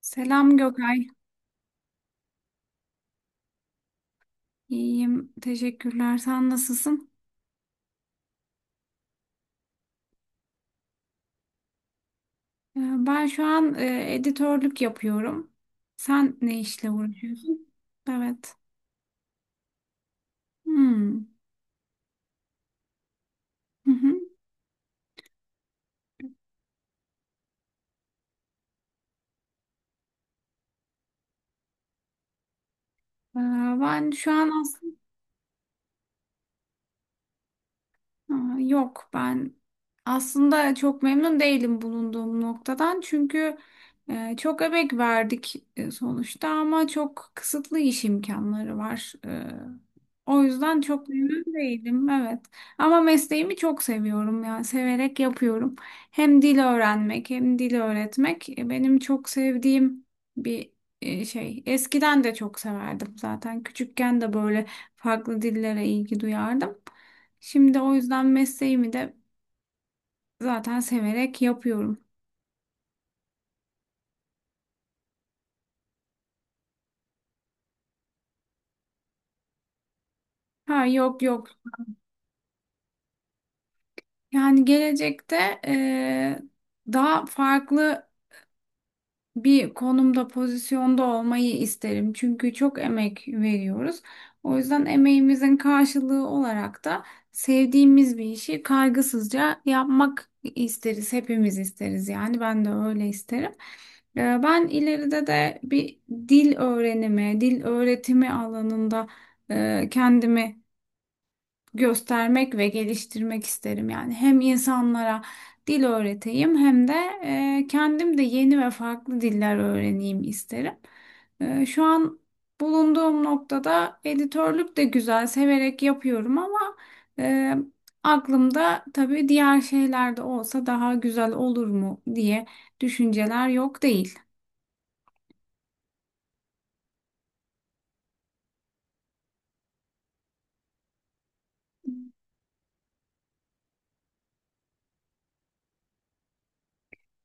Selam Gökay. İyiyim. Teşekkürler. Sen nasılsın? Ee, Ben şu an editörlük yapıyorum. Sen ne işle uğraşıyorsun? Evet. Hmm. Hı hı. Ee, Ben şu an aslında yok. Ben aslında çok memnun değilim bulunduğum noktadan. Çünkü çok emek verdik sonuçta ama çok kısıtlı iş imkanları var. O yüzden çok memnun değilim, evet. Ama mesleğimi çok seviyorum, yani severek yapıyorum. Hem dil öğrenmek hem dil öğretmek benim çok sevdiğim bir şey. Eskiden de çok severdim zaten. Küçükken de böyle farklı dillere ilgi duyardım. Şimdi o yüzden mesleğimi de zaten severek yapıyorum. Ha, yok yok. Yani gelecekte e, daha farklı bir konumda, pozisyonda olmayı isterim. Çünkü çok emek veriyoruz. O yüzden emeğimizin karşılığı olarak da sevdiğimiz bir işi kaygısızca yapmak isteriz. Hepimiz isteriz, yani. Ben de öyle isterim. Ben ileride de bir dil öğrenimi, dil öğretimi alanında kendimi göstermek ve geliştirmek isterim. Yani hem insanlara dil öğreteyim hem de kendim de yeni ve farklı diller öğreneyim isterim. Şu an bulunduğum noktada editörlük de güzel, severek yapıyorum ama e, aklımda tabii diğer şeyler de olsa daha güzel olur mu diye düşünceler yok değil.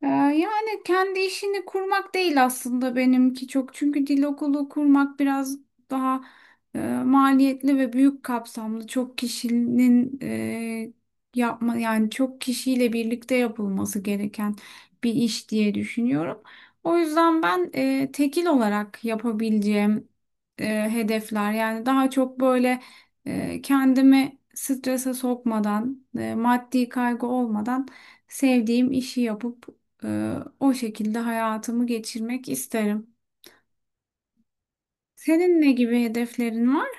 Yani kendi işini kurmak değil aslında benimki çok. Çünkü dil okulu kurmak biraz daha e, maliyetli ve büyük kapsamlı. Çok kişinin yapma, yani çok kişiyle birlikte yapılması gereken bir iş diye düşünüyorum. O yüzden ben tekil olarak yapabileceğim hedefler, yani daha çok böyle kendimi strese sokmadan, maddi kaygı olmadan sevdiğim işi yapıp o şekilde hayatımı geçirmek isterim. Senin ne gibi hedeflerin var?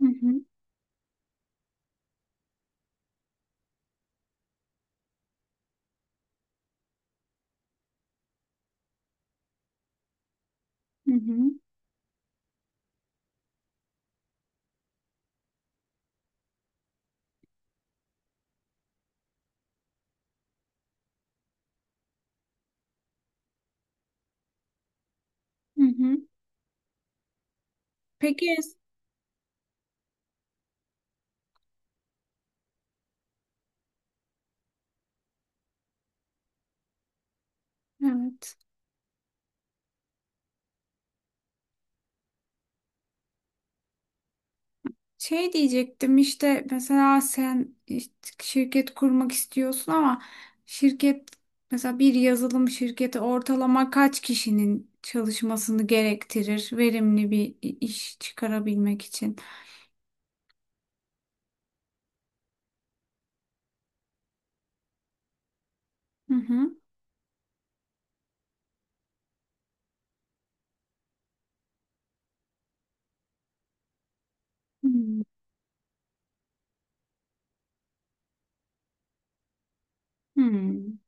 Hı hı, hı hı, hı hı. Peki, evet. Şey diyecektim, işte mesela sen işte şirket kurmak istiyorsun ama şirket, mesela bir yazılım şirketi, ortalama kaç kişinin çalışmasını gerektirir verimli bir iş çıkarabilmek için? Hı hı, hı hı,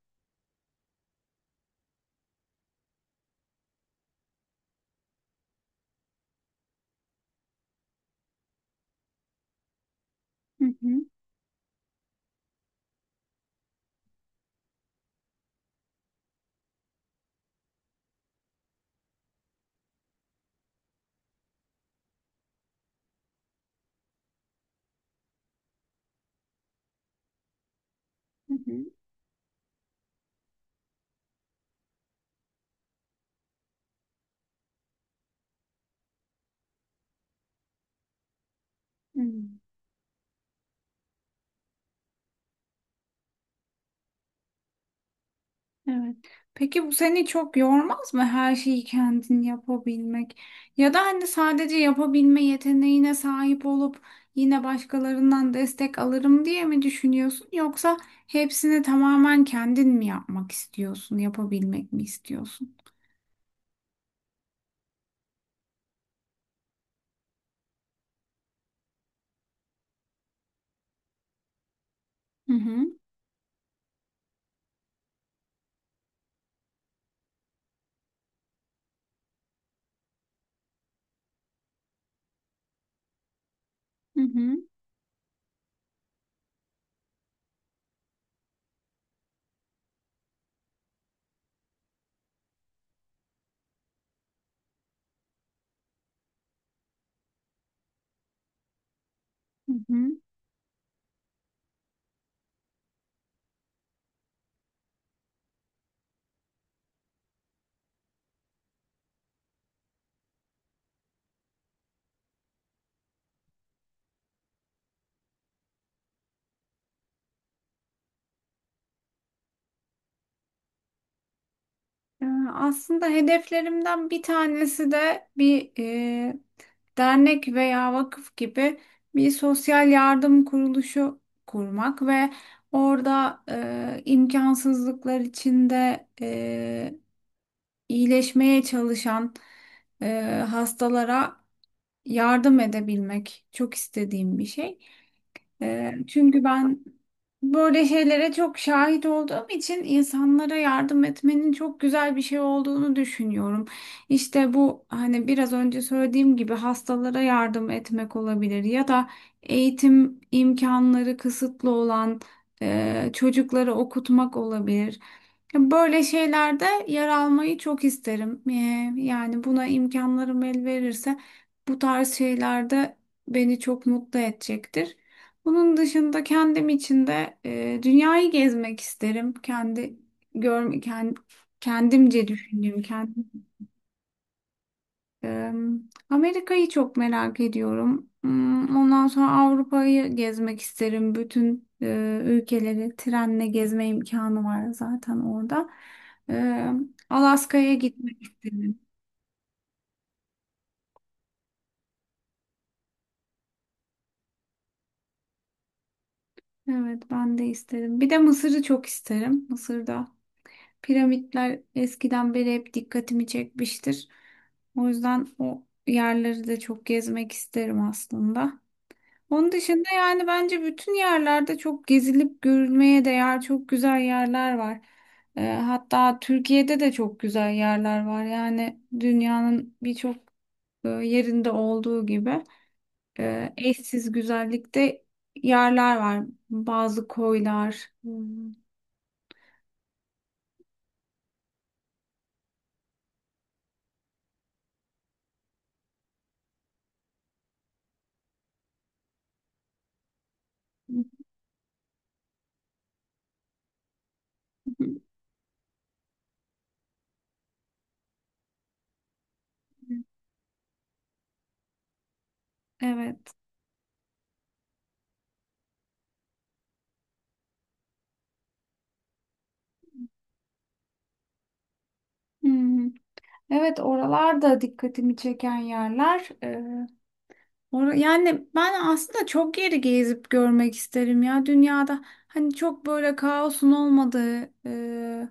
hı hı, hı hı, hı hı. Evet. Peki bu seni çok yormaz mı her şeyi kendin yapabilmek? Ya da hani sadece yapabilme yeteneğine sahip olup yine başkalarından destek alırım diye mi düşünüyorsun? Yoksa hepsini tamamen kendin mi yapmak istiyorsun, yapabilmek mi istiyorsun? Hı hı, hı hı, hı hı. Ee, Aslında hedeflerimden bir tanesi de bir dernek veya vakıf gibi bir sosyal yardım kuruluşu kurmak ve orada imkansızlıklar içinde iyileşmeye çalışan e, hastalara yardım edebilmek çok istediğim bir şey. Çünkü ben böyle şeylere çok şahit olduğum için insanlara yardım etmenin çok güzel bir şey olduğunu düşünüyorum. İşte bu, hani biraz önce söylediğim gibi, hastalara yardım etmek olabilir ya da eğitim imkanları kısıtlı olan çocukları okutmak olabilir. Böyle şeylerde yer almayı çok isterim. Yani buna imkanlarım el verirse bu tarz şeylerde beni çok mutlu edecektir. Bunun dışında kendim için de dünyayı gezmek isterim. Kendi görme, kendimce düşündüğüm, kendim. Eee, Amerika'yı çok merak ediyorum. Ondan sonra Avrupa'yı gezmek isterim. Bütün ülkeleri trenle gezme imkanı var zaten orada. Eee, Alaska'ya gitmek isterim. Evet, ben de isterim. Bir de Mısır'ı çok isterim. Mısır'da piramitler eskiden beri hep dikkatimi çekmiştir. O yüzden o yerleri de çok gezmek isterim aslında. Onun dışında, yani bence bütün yerlerde çok gezilip görülmeye değer çok güzel yerler var. Hatta Türkiye'de de çok güzel yerler var. Yani dünyanın birçok yerinde olduğu gibi eşsiz güzellikte yerler var. Bazı koylar. Hmm. Evet. Hmm. Evet, oralar da dikkatimi çeken yerler. Yani ben aslında çok yeri gezip görmek isterim ya, dünyada hani çok böyle kaosun olmadığı,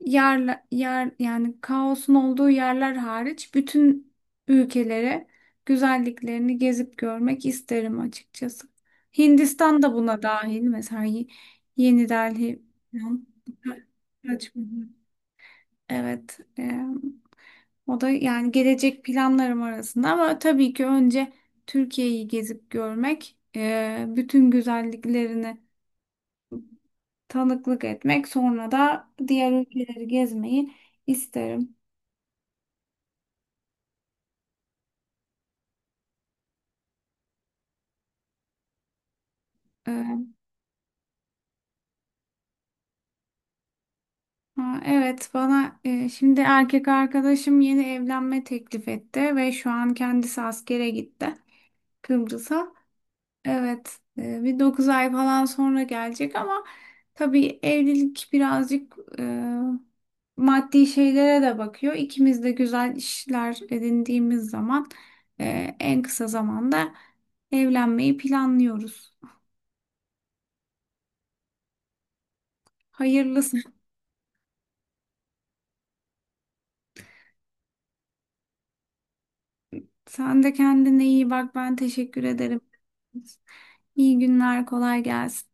yer, yani kaosun olduğu yerler hariç bütün ülkelere, güzelliklerini gezip görmek isterim açıkçası. Hindistan da buna dahil mesela, Yeni Delhi falan. Evet. O da yani gelecek planlarım arasında ama tabii ki önce Türkiye'yi gezip görmek, bütün güzelliklerini tanıklık etmek, sonra da diğer ülkeleri gezmeyi isterim. E, ha, evet, bana şimdi erkek arkadaşım yeni evlenme teklif etti ve şu an kendisi askere gitti Kıbrıs'a. Evet, bir 9 ay falan sonra gelecek ama tabii evlilik birazcık maddi şeylere de bakıyor. İkimiz de güzel işler edindiğimiz zaman en kısa zamanda evlenmeyi planlıyoruz. Hayırlısı. Sen de kendine iyi bak. Ben teşekkür ederim. İyi günler, kolay gelsin.